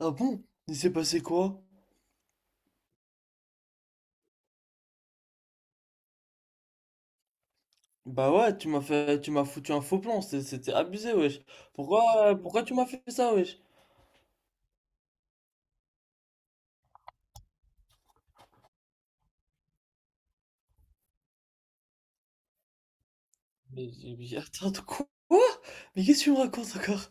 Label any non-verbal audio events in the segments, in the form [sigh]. Ah bon? Il s'est passé quoi? Bah ouais, tu m'as foutu un faux plan, c'était abusé, wesh. Pourquoi tu m'as fait ça, wesh? Mais, mais attends, de quoi? Mais qu'est-ce que tu me racontes encore?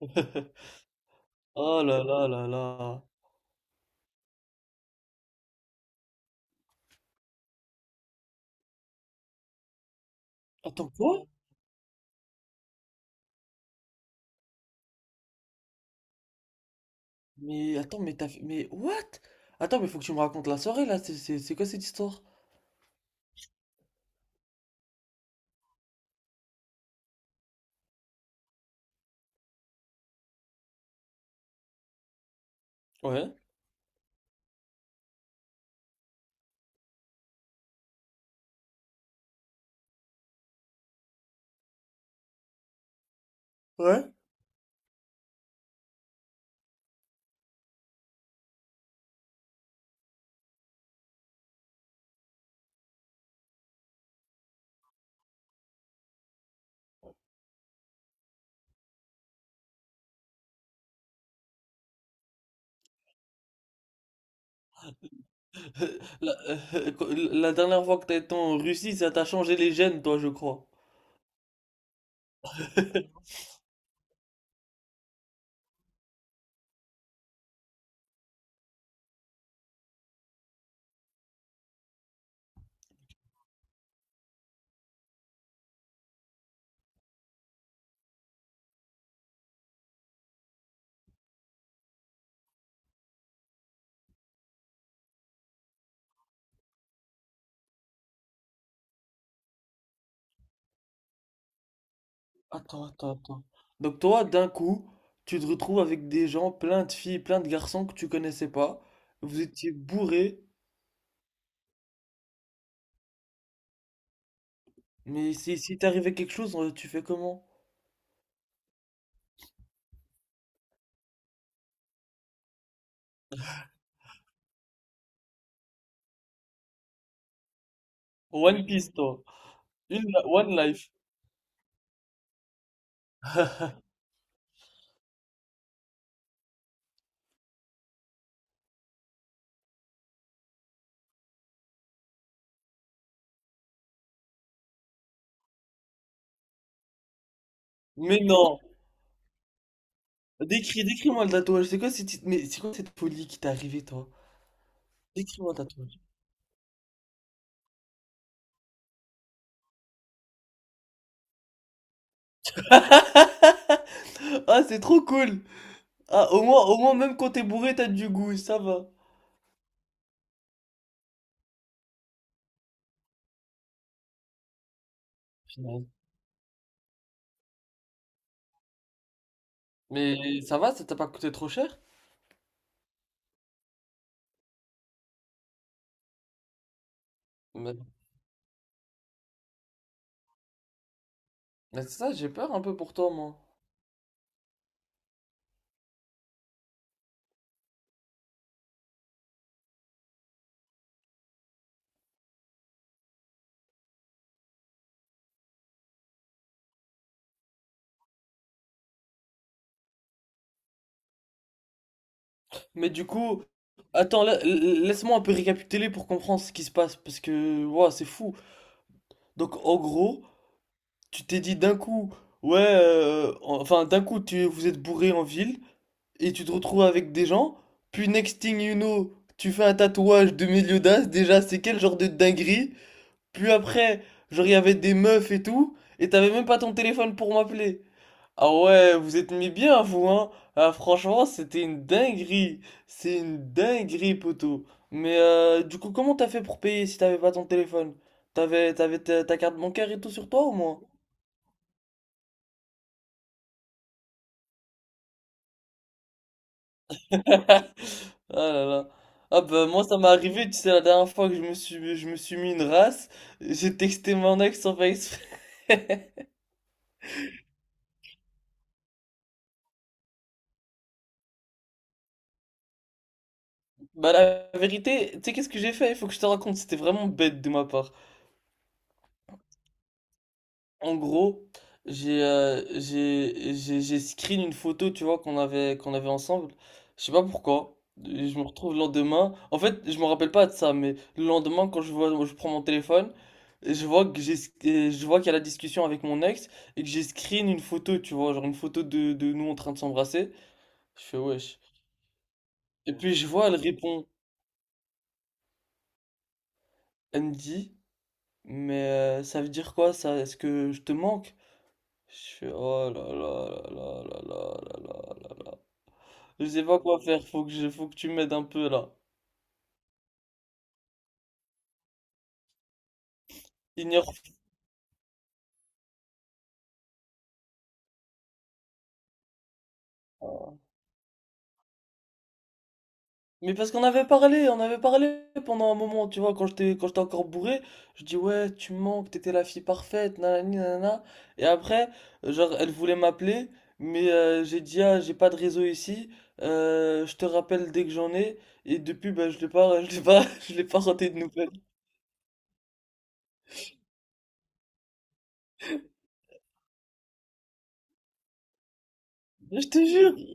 [laughs] Oh là là là là. Attends, quoi? Mais attends, mais what? Attends, mais faut que tu me racontes la soirée, là, c'est quoi cette histoire? Ouais. Ouais. [laughs] Euh, La, euh, [laughs] la dernière fois que t'as été en Russie, ça t'a changé les gènes, toi, je crois. [laughs] Attends. Donc toi, d'un coup, tu te retrouves avec des gens, plein de filles, plein de garçons que tu connaissais pas. Vous étiez bourrés. Mais si, si t'arrivait quelque chose, tu fais comment? One Piece, toi. Une, One Life. Mais non. Décris-moi le tatouage. C'est quoi cette, mais c'est quoi cette folie qui t'est arrivée, toi? Décris-moi le tatouage. [laughs] Ah, c'est trop cool. Ah, au moins, même quand t'es bourré, t'as du goût, ça va. Punaise. Mais ça va, ça t'a pas coûté trop cher? Mais- Mais c'est ça, j'ai peur un peu pour toi, moi. Mais du coup, attends, laisse-moi un peu récapituler pour comprendre ce qui se passe, parce que, ouah, c'est fou. Donc, en gros, tu t'es dit d'un coup, ouais, enfin, d'un coup, vous êtes bourré en ville, et tu te retrouves avec des gens, puis next thing you know, tu fais un tatouage de Meliodas, déjà, c'est quel genre de dinguerie? Puis après, genre, il y avait des meufs et tout, et t'avais même pas ton téléphone pour m'appeler. Ah ouais, vous êtes mis bien, vous, hein? Ah, franchement, c'était une dinguerie. C'est une dinguerie, poteau. Mais du coup, comment t'as fait pour payer si t'avais pas ton téléphone? T'avais ta carte bancaire et tout sur toi, au moins? Ah là là. Ah bah, moi, ça m'est arrivé, tu sais, la dernière fois que je me suis mis une race, j'ai texté mon ex sans faire exprès. [laughs] Bah, la vérité, tu sais, qu'est-ce que j'ai fait? Il faut que je te raconte, c'était vraiment bête de ma part. En gros, j'ai screen une photo, tu vois, qu'on avait ensemble. Je sais pas pourquoi. Je me retrouve le lendemain. En fait, je me rappelle pas de ça, mais le lendemain, je prends mon téléphone, et je vois que j'ai, et je vois qu'il y a la discussion avec mon ex et que j'ai screen une photo, tu vois, genre une photo de nous en train de s'embrasser. Je fais wesh. Et puis je vois, elle répond, elle me dit, mais ça veut dire quoi ça? Est-ce que je te manque? Je fais oh là là là là là là là là là. Là. Je sais pas quoi faire, faut que tu m'aides un peu là. Ignore. Mais parce qu'on avait parlé, on avait parlé pendant un moment, tu vois, quand j'étais encore bourré, je dis ouais, tu me manques, t'étais la fille parfaite, nanani, nanana. Et après, genre, elle voulait m'appeler, mais j'ai dit ah, j'ai pas de réseau ici, je te rappelle dès que j'en ai, et depuis, bah, je l'ai pas, [laughs] je l'ai pas, [laughs] je l'ai pas raté de nouvelles. Je te jure!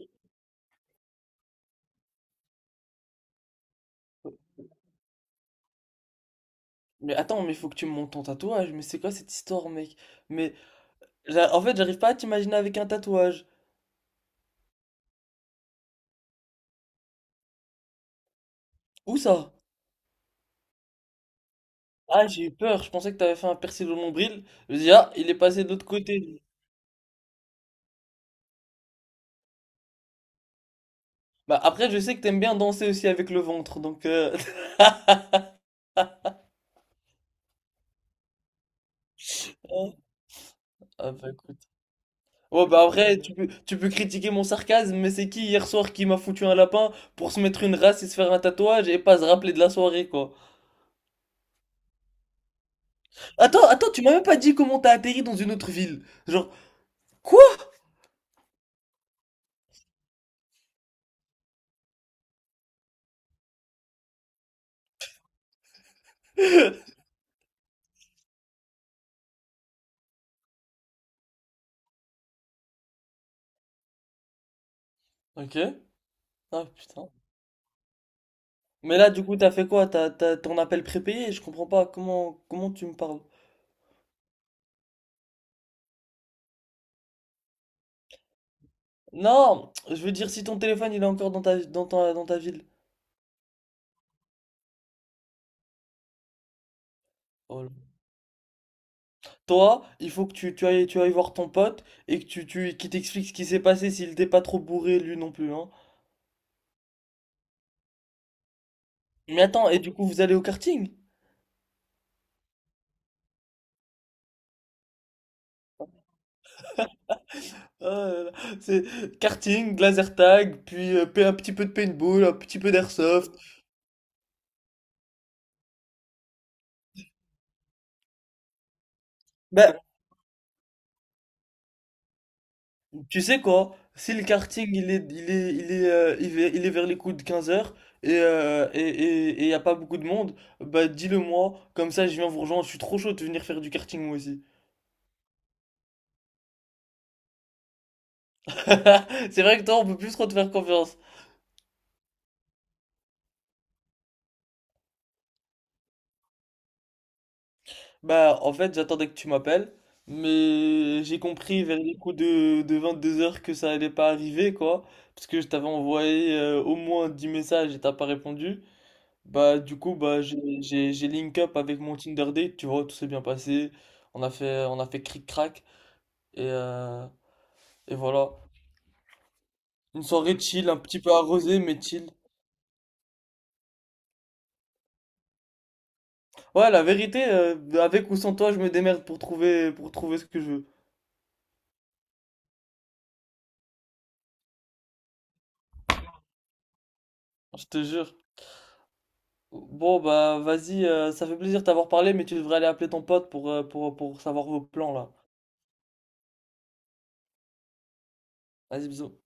Mais attends, mais faut que tu me montes ton tatouage, mais c'est quoi cette histoire, mec? Mais en fait, j'arrive pas à t'imaginer avec un tatouage. Où ça? Ah, j'ai eu peur. Je pensais que t'avais fait un percé au nombril. Je me dis, ah, il est passé de l'autre côté. Bah, après, je sais que t'aimes bien danser aussi avec le ventre, donc. [laughs] Hein. Ah, bah, écoute. Ouais, bah, après, tu peux critiquer mon sarcasme, mais c'est qui hier soir qui m'a foutu un lapin pour se mettre une race et se faire un tatouage et pas se rappeler de la soirée, quoi? Tu m'as même pas dit comment t'as atterri dans une autre ville. Genre, quoi? [laughs] Ok. Ah, putain. Mais là, du coup, t'as fait quoi? T'as ton appel prépayé? Je comprends pas. Comment tu me parles? Non, je veux dire si ton téléphone il est encore dans ta, dans ta ville. Oh là. Toi, il faut que tu ailles voir ton pote et que qu'il t'explique ce qui s'est passé s'il t'est pas trop bourré lui non plus, hein. Mais attends, et du coup vous allez au karting? Ah là là, c'est karting, laser tag, puis un petit peu de paintball, un petit peu d'airsoft. Bah tu sais quoi? Si le karting il est, il est, il est, il est, il est vers les coups de 15 heures et et y a pas beaucoup de monde, bah dis-le moi, comme ça je viens vous rejoindre, je suis trop chaud de venir faire du karting moi aussi. [laughs] C'est vrai que toi on peut plus trop te faire confiance. Bah en fait j'attendais que tu m'appelles, mais j'ai compris vers les coups de 22 heures que ça allait pas arriver quoi, parce que je t'avais envoyé au moins 10 messages et t'as pas répondu. Bah, du coup, j'ai link up avec mon Tinder date, tu vois, tout s'est bien passé. On a fait cric-crac. Et, euh, et voilà. Une soirée chill, un petit peu arrosée, mais chill. Ouais, la vérité, avec ou sans toi, je me démerde pour trouver ce que je veux. Je te jure. Bon, bah, vas-y, ça fait plaisir de t'avoir parlé, mais tu devrais aller appeler ton pote pour, pour savoir vos plans, là. Vas-y, bisous.